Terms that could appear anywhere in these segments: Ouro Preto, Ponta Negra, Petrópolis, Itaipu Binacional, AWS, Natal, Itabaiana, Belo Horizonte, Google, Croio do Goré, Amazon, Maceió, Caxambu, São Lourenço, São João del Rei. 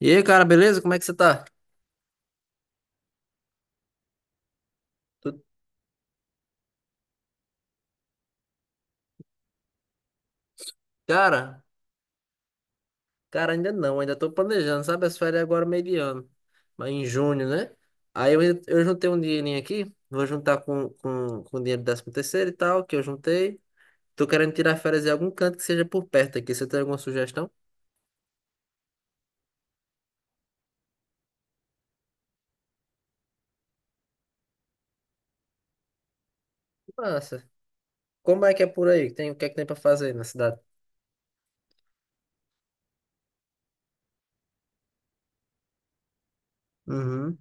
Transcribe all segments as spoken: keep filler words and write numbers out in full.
E aí, cara, beleza? Como é que você tá? Tu- Cara, cara, ainda não, ainda tô planejando, sabe? As férias agora meio de ano, mas em junho, né? Aí eu, eu juntei um dinheirinho aqui, vou juntar com, com, com o dinheiro do 13 terceiro e tal, que eu juntei. Tô querendo tirar férias em algum canto que seja por perto aqui. Você tem alguma sugestão? Massa. Como é que é por aí? Tem, o que é que tem pra fazer aí na cidade? Uhum.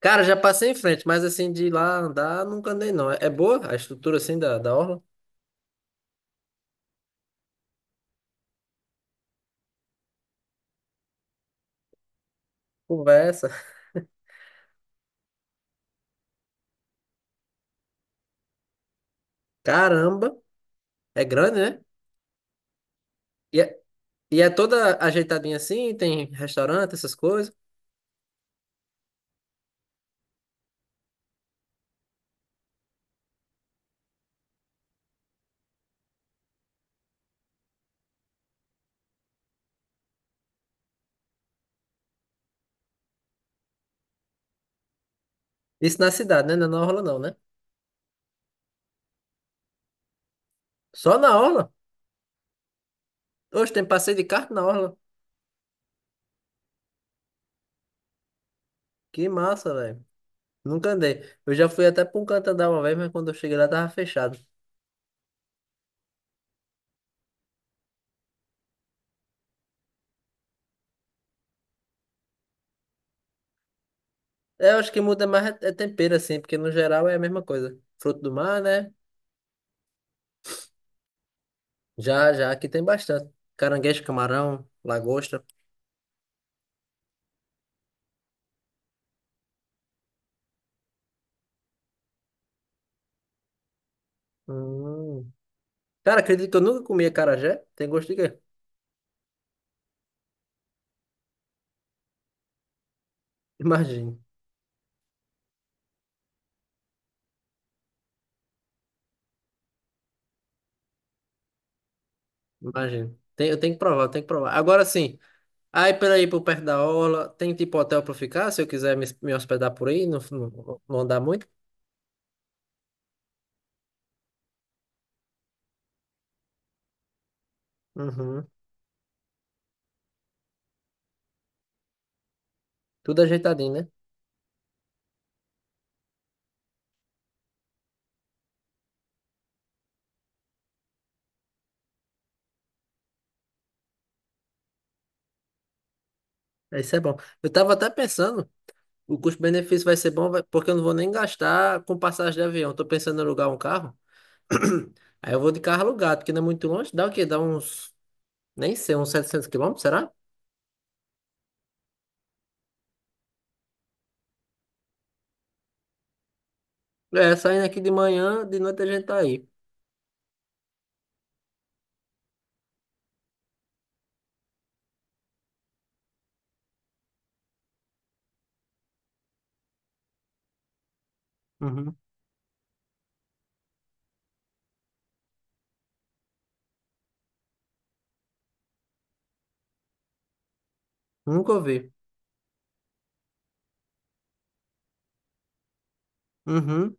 Cara, já passei em frente, mas assim, de ir lá andar, nunca andei não. É, é boa a estrutura assim da, da orla? Conversa. Caramba, é grande, né? E é toda ajeitadinha assim, tem restaurante, essas coisas. Isso na cidade, né? Não é na orla não, né? Só na orla? Hoje tem passeio de carro na orla. Que massa, velho. Nunca andei. Eu já fui até pra um canto andar uma vez, mas quando eu cheguei lá tava fechado. É, eu acho que muda mais é é tempero assim, porque no geral é a mesma coisa. Fruto do mar, né? Já, já, aqui tem bastante. Caranguejo, camarão, lagosta. Hum. Cara, acredito que eu nunca comi acarajé. Tem gosto de quê? Imagino, imagino. Tem, eu tenho que provar, eu tenho que provar. Agora sim. Aí, por aí, por perto da aula, tem tipo hotel pra eu ficar, se eu quiser me, me hospedar por aí, não, não, não andar muito? Uhum. Tudo ajeitadinho, né? Isso é bom. Eu tava até pensando, o custo-benefício vai ser bom, vai- porque eu não vou nem gastar com passagem de avião. Tô pensando em alugar um carro. Aí eu vou de carro alugado, que não é muito longe. Dá o quê? Dá uns, nem sei, uns setecentos quilômetros, será? É, saindo aqui de manhã, de noite a gente tá aí. Uhum. Nunca ouvi. Uhum,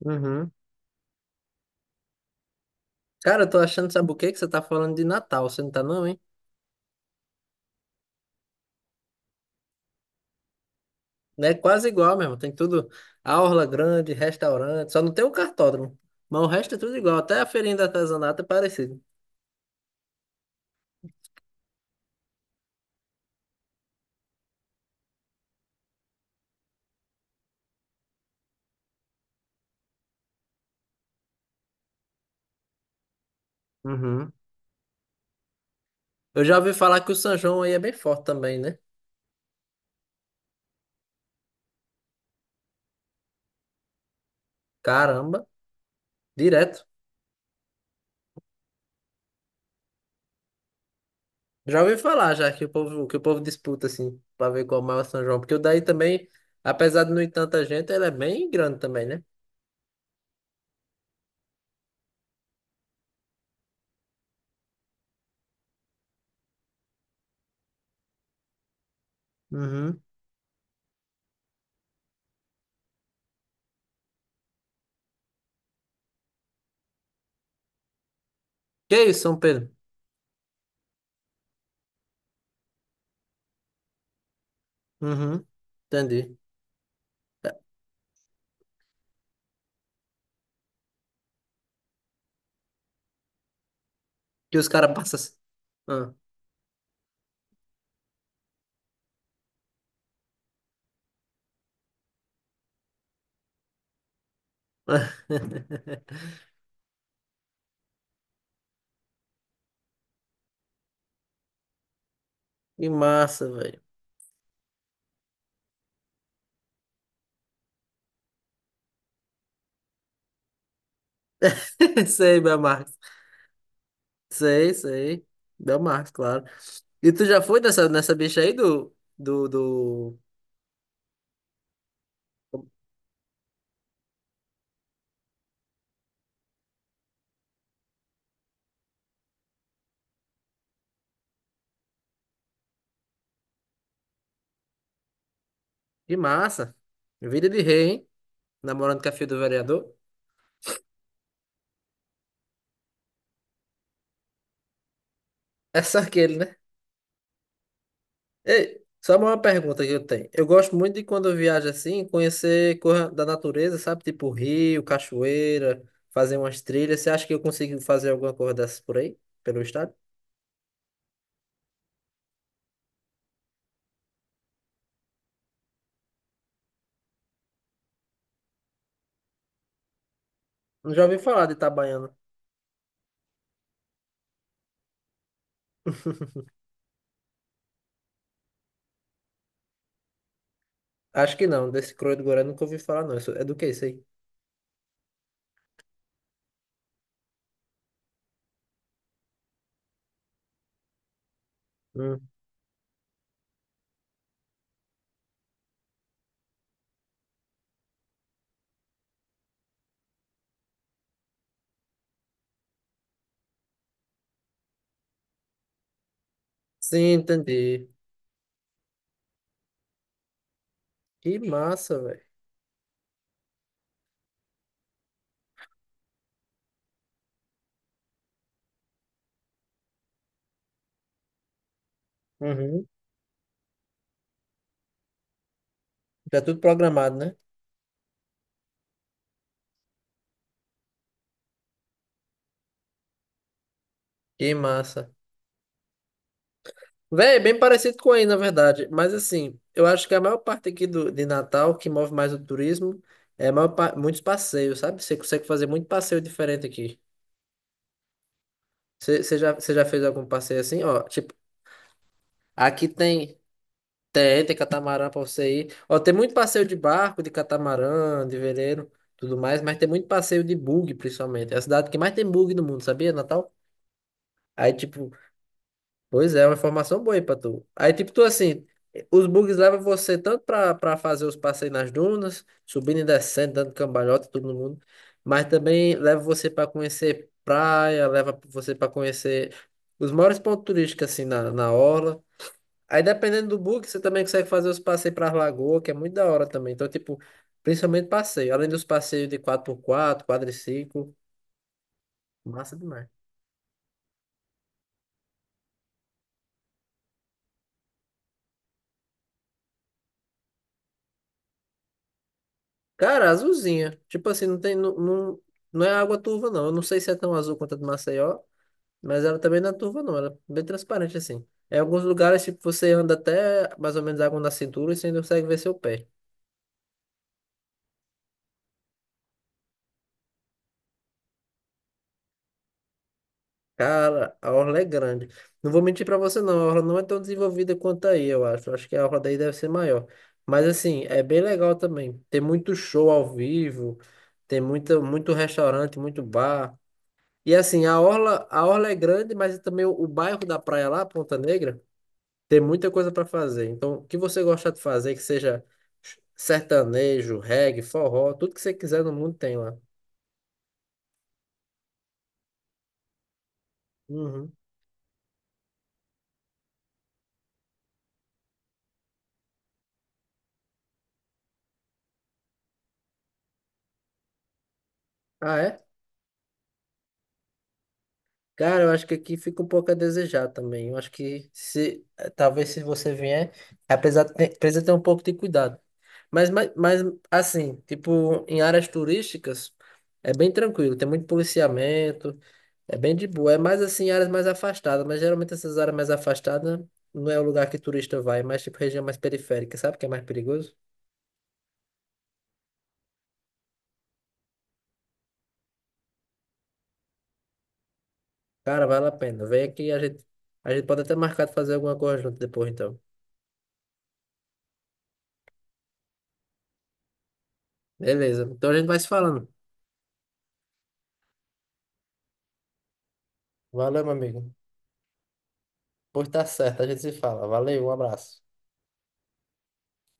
uhum. Cara, eu tô achando, sabe o quê? Que você tá falando de Natal, você não tá não, hein? Né? Quase igual mesmo. Tem tudo, aula grande, restaurante, só não tem o cartódromo. Mas o resto é tudo igual. Até a feirinha de artesanato é parecido. Uhum. Eu já ouvi falar que o São João aí é bem forte também, né? Caramba, direto. Já ouvi falar já que o povo, que o povo disputa assim, pra ver qual é o maior São João, porque o daí também, apesar de não ir tanta gente, ele é bem grande também, né? Uhum. Que isso, São Pedro? Uhum. Entendi. Que os caras passam assim. Ah. Que massa, velho. Sei, meu Sei, sei. Belmar, claro. E tu já foi nessa, nessa bicha aí do, do, do... De massa. Vida de rei, hein? Namorando com a filha do vereador. É só aquele, né? Ei, só uma pergunta que eu tenho. Eu gosto muito de quando eu viajo assim, conhecer coisa da natureza, sabe? Tipo rio, cachoeira, fazer umas trilhas. Você acha que eu consigo fazer alguma coisa dessas por aí? Pelo estado? Não já ouvi falar de Itabaiana. Acho que não. Desse Croio do Goré nunca ouvi falar, não. Isso- é do que isso aí? Hum. Sim, entendi. Que massa, velho. Uhum. Já tudo programado, né? Que massa. Véi, bem parecido com aí, na verdade. Mas assim, eu acho que a maior parte aqui do, de Natal, que move mais o turismo, é a maior pa- muitos passeios, sabe? Você consegue fazer muito passeio diferente aqui. Você você já, você já fez algum passeio assim? Ó, tipo, aqui tem, tem, tem catamarã pra você ir. Ó, tem muito passeio de barco, de catamarã, de veleiro, tudo mais, mas tem muito passeio de bug, principalmente. É a cidade que mais tem bug no mundo, sabia, Natal? Aí, tipo, pois é, é uma informação boa aí pra tu. Aí, tipo, tu assim, os bugs levam você tanto pra, pra fazer os passeios nas dunas, subindo e descendo, dando cambalhota, todo mundo, mas também leva você pra conhecer praia, leva você pra conhecer os maiores pontos turísticos, assim, na, na orla. Aí, dependendo do bug, você também consegue fazer os passeios pra lagoa, que é muito da hora também. Então, tipo, principalmente passeio. Além dos passeios de quatro por quatro quadriciclo, massa demais. Cara, azulzinha. Tipo assim, não tem, não, não, não é água turva, não. Eu não sei se é tão azul quanto a do Maceió, mas ela também não é turva, não. Ela é bem transparente, assim. Em alguns lugares, tipo, você anda até mais ou menos água na cintura e você ainda consegue ver seu pé. Cara, a orla é grande. Não vou mentir pra você, não. A orla não é tão desenvolvida quanto aí, eu acho. Acho que a orla daí deve ser maior. Mas, assim, é bem legal também. Tem muito show ao vivo, tem muita, muito restaurante, muito bar. E assim, a orla, a orla é grande, mas é também o, o bairro da praia lá, Ponta Negra, tem muita coisa para fazer. Então, o que você gosta de fazer, que seja sertanejo, reggae, forró, tudo que você quiser no mundo tem lá. Uhum. Ah, é? Cara, eu acho que aqui fica um pouco a desejar também. Eu acho que se eh, talvez se você vier, apesar de ter, precisa ter um pouco de cuidado. Mas, mas, mas assim, tipo, em áreas turísticas é bem tranquilo, tem muito policiamento. É bem de boa. É mais assim, áreas mais afastadas, mas geralmente essas áreas mais afastadas não é o lugar que turista vai, mas tipo região mais periférica, sabe que é mais perigoso? Cara, vale a pena. Vem aqui, a gente, a gente pode até marcar de fazer alguma coisa junto depois, então. Beleza. Então a gente vai se falando. Valeu, meu amigo. Pois tá certo, a gente se fala. Valeu, um abraço.